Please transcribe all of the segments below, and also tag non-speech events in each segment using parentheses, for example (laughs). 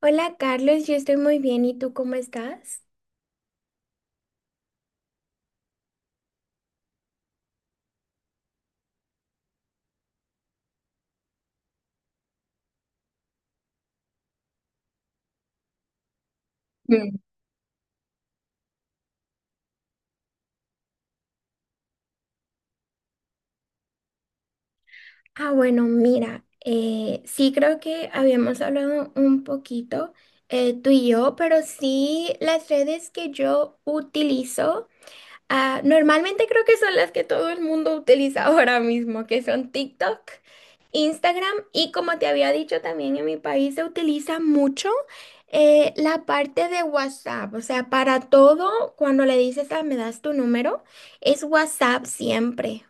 Hola Carlos, yo estoy muy bien. ¿Y tú cómo estás? Mm. Ah, bueno, mira, sí creo que habíamos hablado un poquito tú y yo, pero sí las redes que yo utilizo. Ah, normalmente creo que son las que todo el mundo utiliza (laughs) ahora mismo, que son TikTok, Instagram y como te había dicho también en mi país se utiliza mucho la parte de WhatsApp, o sea, para todo, cuando le dices, ah, me das tu número, es WhatsApp siempre.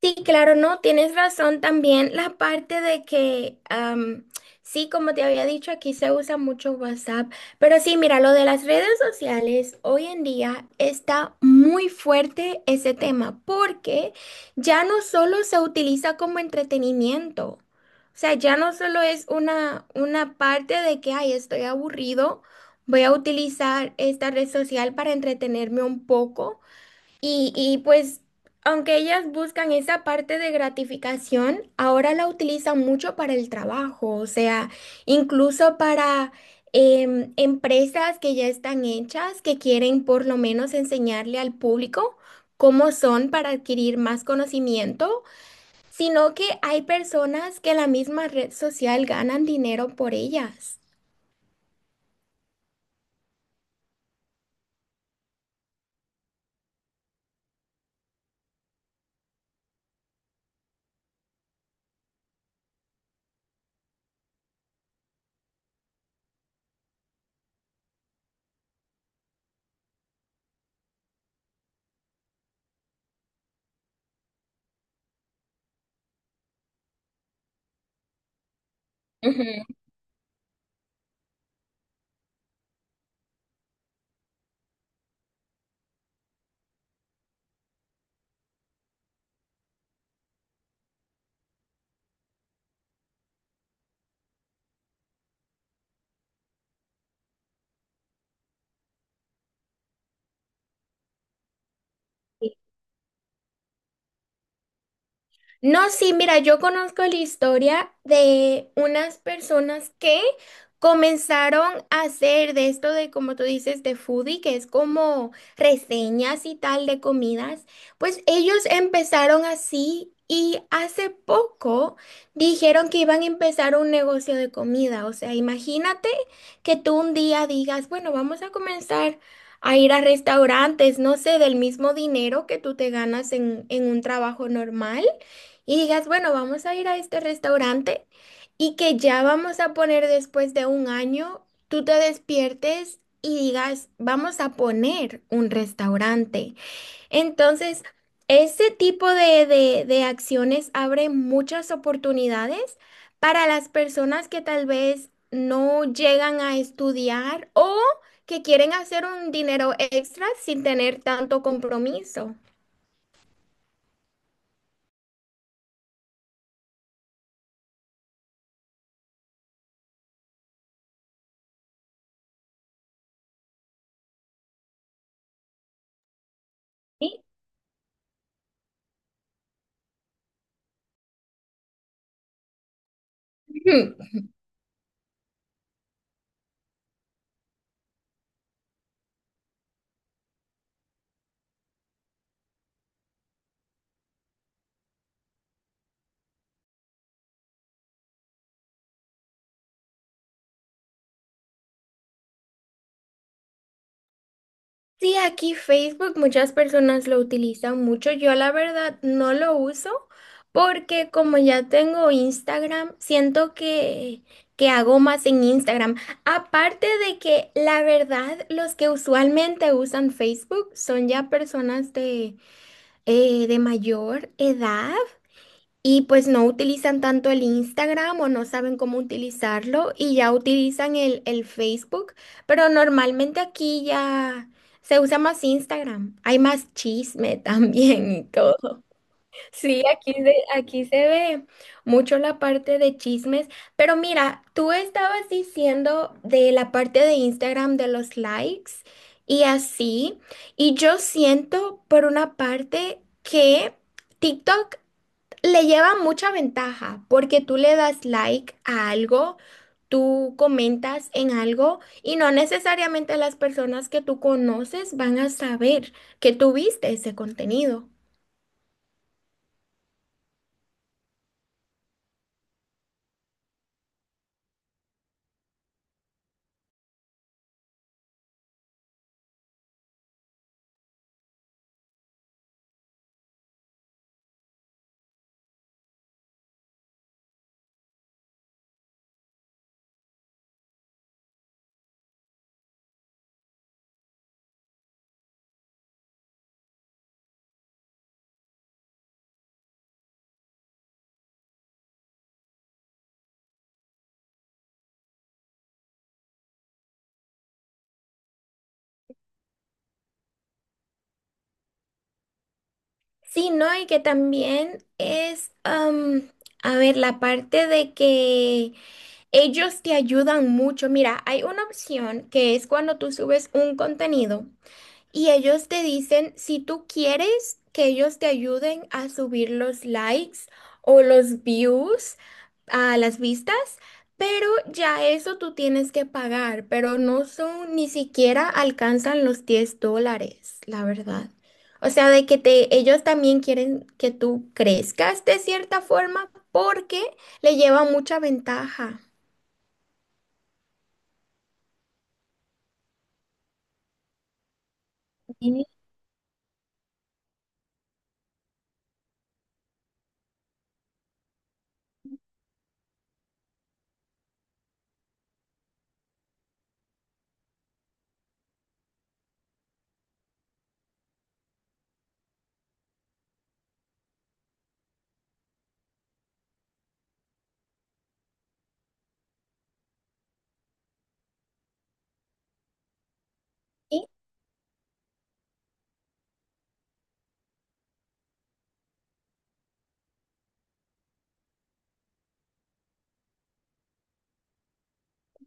Sí, claro, no, tienes razón también la parte de que, sí, como te había dicho, aquí se usa mucho WhatsApp, pero sí, mira, lo de las redes sociales, hoy en día está muy fuerte ese tema, porque ya no solo se utiliza como entretenimiento, o sea, ya no solo es una parte de que, ay, estoy aburrido, voy a utilizar esta red social para entretenerme un poco. Y pues, aunque ellas buscan esa parte de gratificación, ahora la utilizan mucho para el trabajo, o sea, incluso para empresas que ya están hechas, que quieren por lo menos enseñarle al público cómo son para adquirir más conocimiento, sino que hay personas que la misma red social ganan dinero por ellas. No, sí, mira, yo conozco la historia de unas personas que comenzaron a hacer de esto de, como tú dices, de foodie, que es como reseñas y tal de comidas. Pues ellos empezaron así y hace poco dijeron que iban a empezar un negocio de comida. O sea, imagínate que tú un día digas, bueno, vamos a comenzar a ir a restaurantes, no sé, del mismo dinero que tú te ganas en un trabajo normal y digas, bueno, vamos a ir a este restaurante y que ya vamos a poner después de un año, tú te despiertes y digas, vamos a poner un restaurante. Entonces, ese tipo de acciones abre muchas oportunidades para las personas que tal vez no llegan a estudiar o que quieren hacer un dinero extra sin tener tanto compromiso. ¿Sí? Sí, aquí Facebook muchas personas lo utilizan mucho. Yo la verdad no lo uso porque como ya tengo Instagram, siento que hago más en Instagram. Aparte de que la verdad los que usualmente usan Facebook son ya personas de mayor edad. Y pues no utilizan tanto el Instagram o no saben cómo utilizarlo y ya utilizan el Facebook, pero normalmente aquí ya se usa más Instagram. Hay más chisme (laughs) también y todo. (laughs) Sí, aquí se ve mucho la parte de chismes, pero mira, tú estabas diciendo de la parte de Instagram de los likes y así, y yo siento por una parte que... TikTok le lleva mucha ventaja porque tú le das like a algo, tú comentas en algo y no necesariamente las personas que tú conoces van a saber que tú viste ese contenido. Sí, no, y que también es, a ver, la parte de que ellos te ayudan mucho. Mira, hay una opción que es cuando tú subes un contenido. Y ellos te dicen si tú quieres que ellos te ayuden a subir los likes o los views a las vistas, pero ya eso tú tienes que pagar, pero no son, ni siquiera alcanzan los $10, la verdad. O sea, de que te, ellos también quieren que tú crezcas de cierta forma porque le lleva mucha ventaja.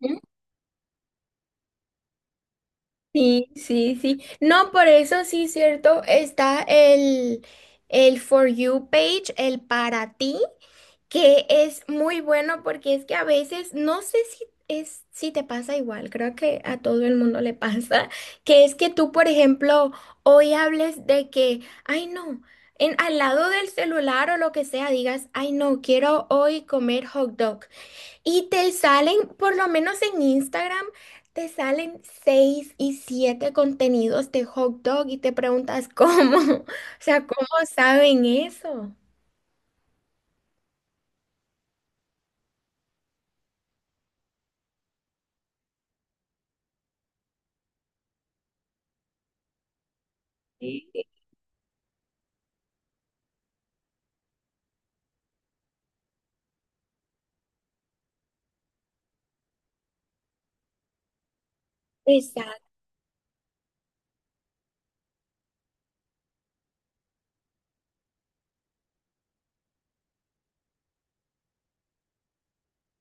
Sí. Sí, sí, sí. No, por eso sí, cierto, está el For You page, el para ti, que es muy bueno porque es que a veces, no sé si te pasa igual, creo que a todo el mundo le (laughs) pasa, que es que tú, por ejemplo, hoy hables de que, ay no, al lado del celular o lo que sea, digas, ay no, quiero hoy comer hot dog. Y te salen, por lo menos en Instagram, te salen seis y siete contenidos de hot dog y te preguntas cómo, (laughs) o sea, ¿cómo saben eso?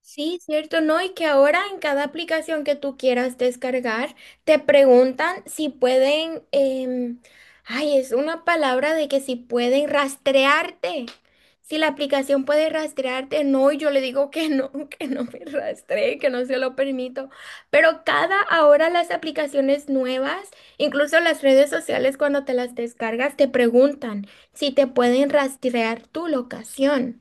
Sí, cierto, ¿no? Y que ahora en cada aplicación que tú quieras descargar, te preguntan si pueden, ay, es una palabra de que si pueden rastrearte. Si la aplicación puede rastrearte, no, y yo le digo que no, (laughs) que no me rastree, que no se lo permito. Pero cada ahora las aplicaciones nuevas, incluso las redes sociales cuando te las descargas, te preguntan si te pueden rastrear tu locación.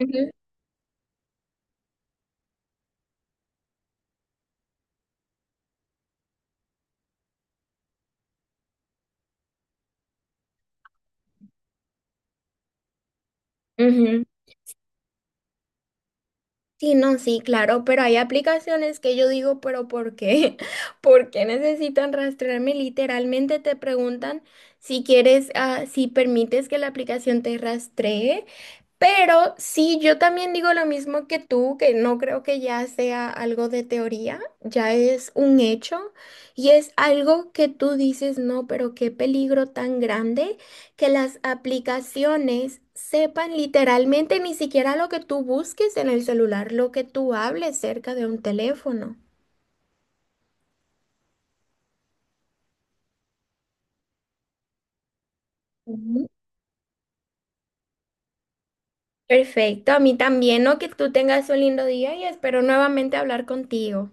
Ujú. Ujú. Sí, no, sí, claro, pero hay aplicaciones que yo digo, pero ¿por qué? (laughs) ¿Por qué necesitan rastrearme? Literalmente te preguntan si quieres, ah, si permites que la aplicación te rastree pero sí, yo también digo lo mismo que tú, que no creo que ya sea algo de teoría, ya es un hecho y es algo que tú dices, no, pero qué peligro tan grande que las aplicaciones sepan literalmente ni siquiera lo que tú busques en el celular, lo que tú hables cerca de un teléfono. Ujú. Perfecto, a mí también, ¿no? Que tú tengas un lindo día y espero nuevamente hablar contigo.